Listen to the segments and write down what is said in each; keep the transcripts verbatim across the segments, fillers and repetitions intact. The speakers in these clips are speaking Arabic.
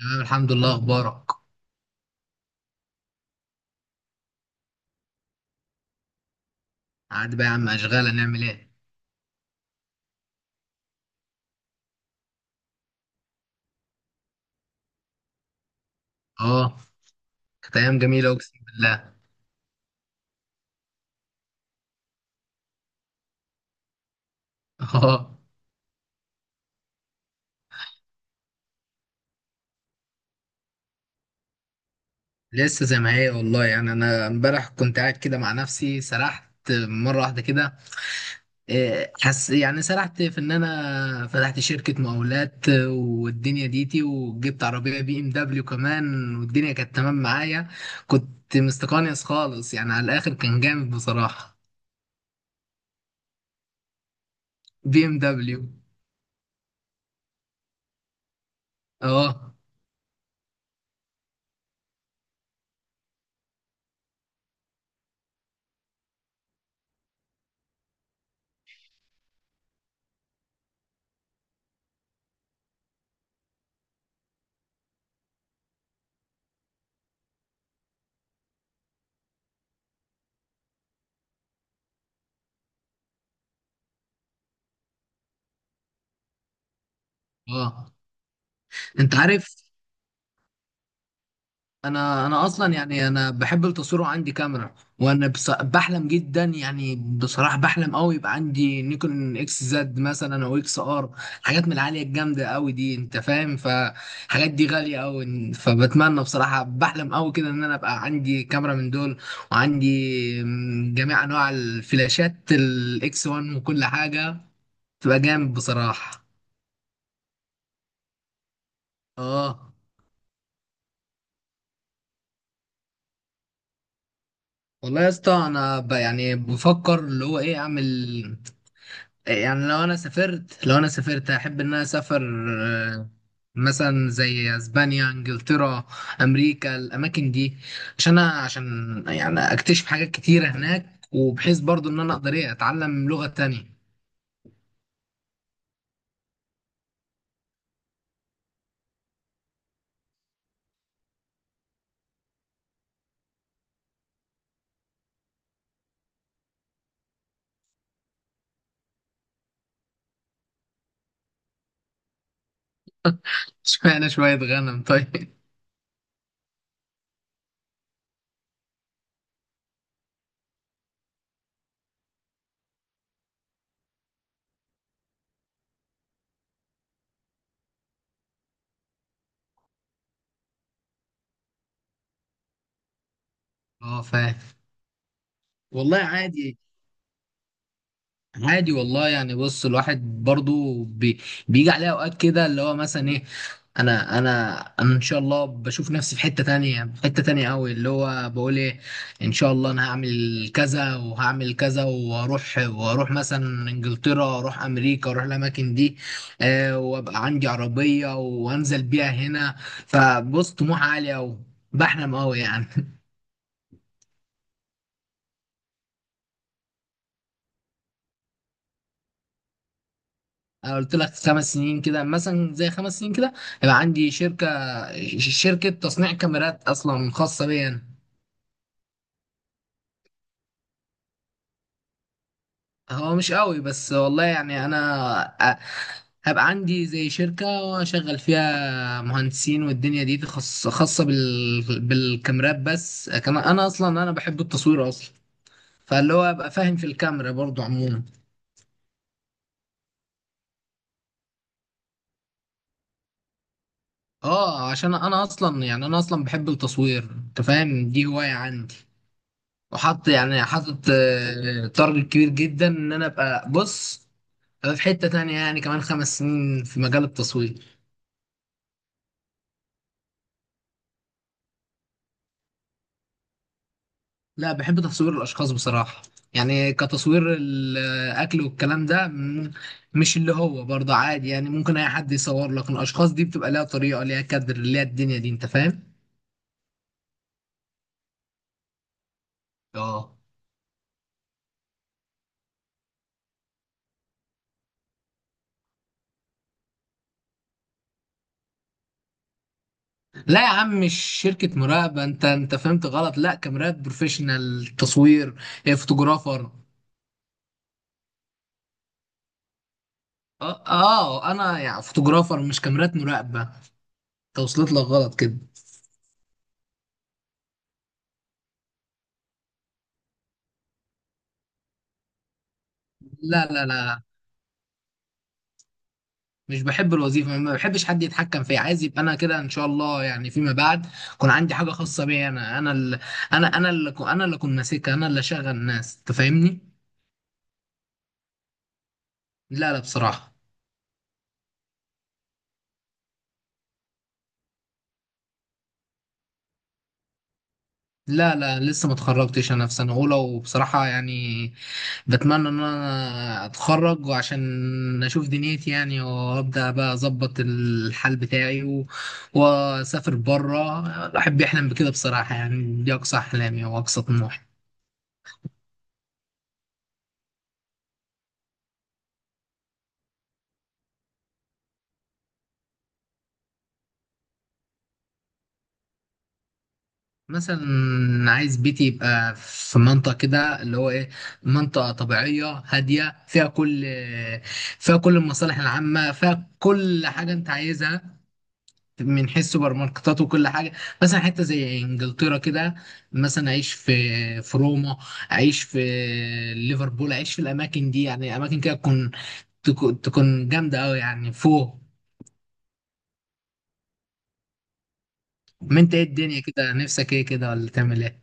تمام، الحمد لله. اخبارك؟ عاد بقى يا عم، اشغال. هنعمل ايه؟ اه، كانت ايام جميله، اقسم بالله. اه. لسه زي ما هي، والله. يعني انا امبارح كنت قاعد كده مع نفسي، سرحت مره واحده كده. إيه، حس، يعني سرحت في ان انا فتحت شركه مقاولات والدنيا ديتي، وجبت عربيه بي ام دبليو كمان، والدنيا كانت تمام معايا. كنت مستقنيس خالص يعني، على الاخر كان جامد بصراحه. بي ام دبليو. اه. اه. انت عارف، انا انا اصلا يعني انا بحب التصوير وعندي كاميرا. وانا بص... بحلم جدا يعني، بصراحه بحلم قوي يبقى عندي نيكون اكس زد مثلا او اكس ار. حاجات من العاليه الجامده قوي دي، انت فاهم، فحاجات دي غاليه قوي. فبتمنى بصراحه، بحلم قوي كده ان انا ابقى عندي كاميرا من دول. وعندي م- جميع انواع الفلاشات الاكس واحد وكل حاجه، تبقى جامد بصراحه. اه. والله يا اسطى، انا ب... يعني بفكر اللي هو ايه اعمل. يعني لو انا سافرت، لو انا سافرت احب ان انا اسافر. آه، مثلا زي اسبانيا، انجلترا، امريكا، الاماكن دي. عشان أنا، عشان يعني اكتشف حاجات كتيره هناك، وبحيث برضو ان انا اقدر ايه اتعلم لغه تانية. اشمعنى شويه غنم طيب؟ اه، فاهم. والله عادي. عادي والله، يعني بص الواحد برضو بي، بيجي عليه اوقات كده اللي هو مثلا ايه. انا انا انا ان شاء الله بشوف نفسي في حتة تانية، في حتة تانية قوي. اللي هو بقول ايه، ان شاء الله انا هعمل كذا وهعمل كذا، وهروح واروح مثلا انجلترا، اروح امريكا، اروح الاماكن دي. آه، وابقى عندي عربية وانزل بيها هنا. فبص، طموح عالي قوي، بحلم قوي يعني. انا قلت لك خمس سنين كده، مثلا زي خمس سنين كده يبقى عندي شركه. ش- شركه تصنيع كاميرات اصلا خاصه بيا أنا. هو مش قوي بس، والله يعني انا أ- هبقى عندي زي شركه واشغل فيها مهندسين، والدنيا دي خاص- خاصه بال... بالكاميرات بس. كمان انا اصلا انا بحب التصوير اصلا. فاللي هو ابقى فاهم في الكاميرا برضو عموما. اه، عشان انا اصلا يعني انا اصلا بحب التصوير. انت فاهم، دي هوايه عندي. وحط يعني، حاطط آه، تارجت كبير جدا ان انا ابقى بص أبقى في حتة تانية يعني كمان خمس سنين في مجال التصوير. لا، بحب تصوير الاشخاص بصراحة. يعني كتصوير الاكل والكلام ده م- مش اللي هو برضه عادي، يعني ممكن اي حد يصور لك. الاشخاص دي بتبقى ليها طريقة، ليها كادر، ليها الدنيا دي انت فاهم. اه. لا يا عم، مش شركة مراقبة. انت انت فهمت غلط، لا، كاميرات بروفيشنال تصوير. إيه، فوتوغرافر. اه. آه، انا يعني فوتوغرافر، مش كاميرات مراقبه. توصلت لك غلط كده. لا لا لا. مش بحب الوظيفه، ما بحبش حد يتحكم فيا. عايز يبقى انا كده ان شاء الله يعني فيما بعد يكون عندي حاجه خاصه بيا. انا انا اللي، انا انا اللي أكون- انا اللي اكون ماسكها، انا اللي اشغل الناس، تفهمني؟ لا لا بصراحه. لا لا، لسه ما اتخرجتش. انا في سنه اولى وبصراحه يعني بتمنى ان انا اتخرج، وعشان اشوف دنيتي يعني، وابدا بقى اظبط الحال بتاعي و... واسافر بره. الواحد بيحلم بكده بصراحه، يعني دي اقصى احلامي واقصى طموحي. مثلا عايز بيتي يبقى في منطقه كده، اللي هو ايه، منطقه طبيعيه هاديه، فيها كل، فيها كل المصالح العامه، فيها كل حاجه انت عايزها، من حيث سوبر ماركتات وكل حاجه. مثلا حته زي انجلترا كده، مثلا اعيش في في روما، اعيش في ليفربول، اعيش في الاماكن دي. يعني اماكن كده تكون تكون تكون جامده قوي يعني فوق. ما انت ايه الدنيا كده، نفسك ايه كده ولا تعمل ايه؟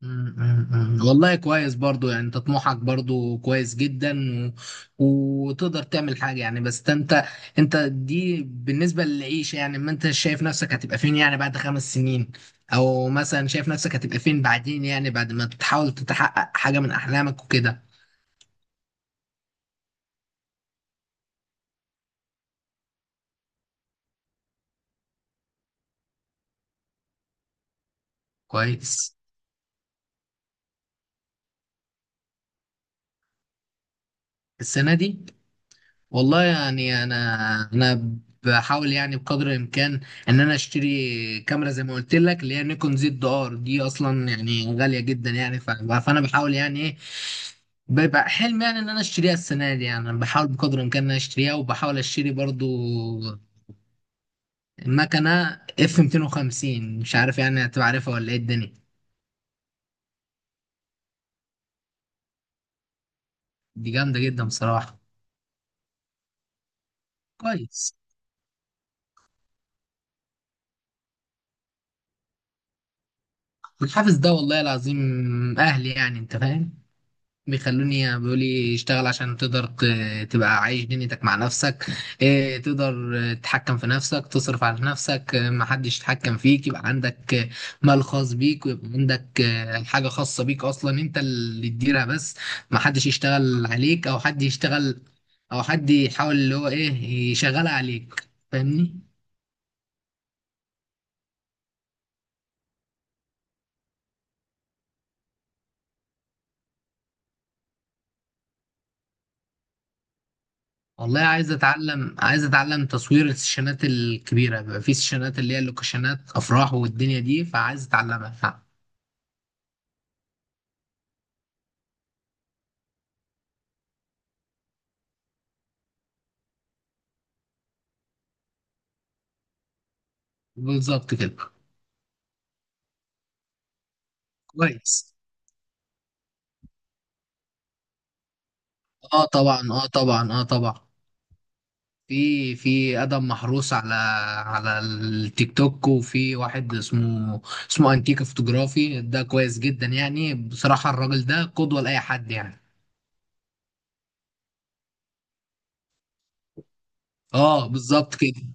مم، مم، مم. والله كويس برضو، يعني انت طموحك برضو كويس جدا. و... وتقدر تعمل حاجة يعني. بس انت، انت دي بالنسبة للعيشة يعني، ما انت شايف نفسك هتبقى فين يعني بعد خمس سنين، او مثلا شايف نفسك هتبقى فين بعدين يعني بعد ما تحاول تتحقق حاجة من احلامك وكده؟ كويس. السنة دي، والله يعني انا، انا بحاول يعني بقدر الامكان ان انا اشتري كاميرا زي ما قلت لك، اللي هي نيكون زد ار دي، اصلا يعني غاليه جدا يعني. ف- فانا بحاول يعني ايه، بيبقى حلم يعني ان انا اشتريها السنه دي. يعني انا بحاول بقدر الامكان ان انا اشتريها، وبحاول اشتري برضو مكنه اف مئتين وخمسين، مش عارف يعني هتبقى عارفها ولا ايه الدنيا. دي جامده جدا بصراحه. كويس. الحافز ده، والله العظيم، اهلي يعني انت فاهم. بيخلوني، بيقول لي اشتغل عشان تقدر ت- تبقى عايش دنيتك مع نفسك. اه، تقدر، اه، تتحكم في نفسك، تصرف على نفسك، اه، محدش يتحكم فيك، يبقى عندك، اه، مال خاص بيك، ويبقى عندك، اه، حاجة خاصة بيك، أصلا أنت اللي تديرها بس، محدش يشتغل عليك، أو حد يشتغل، أو حد يحاول اللي هو إيه، يشغلها عليك، فاهمني؟ والله، عايز اتعلم، عايز اتعلم تصوير السيشنات الكبيره، بيبقى في سيشنات اللي هي اللوكيشنات افراح والدنيا دي، فعايز اتعلمها. بالظبط كده. كويس. اه طبعا، اه طبعا، اه طبعا. في في ادم محروس على على التيك توك، وفي واحد اسمه اسمه انتيكا فوتوغرافي، ده كويس جدا يعني بصراحة. الراجل ده قدوة لأي حد يعني. اه بالظبط كده. ان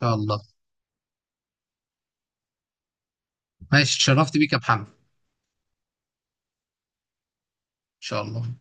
شاء الله. ماشي، اتشرفت بيك يا محمد. ان شاء الله.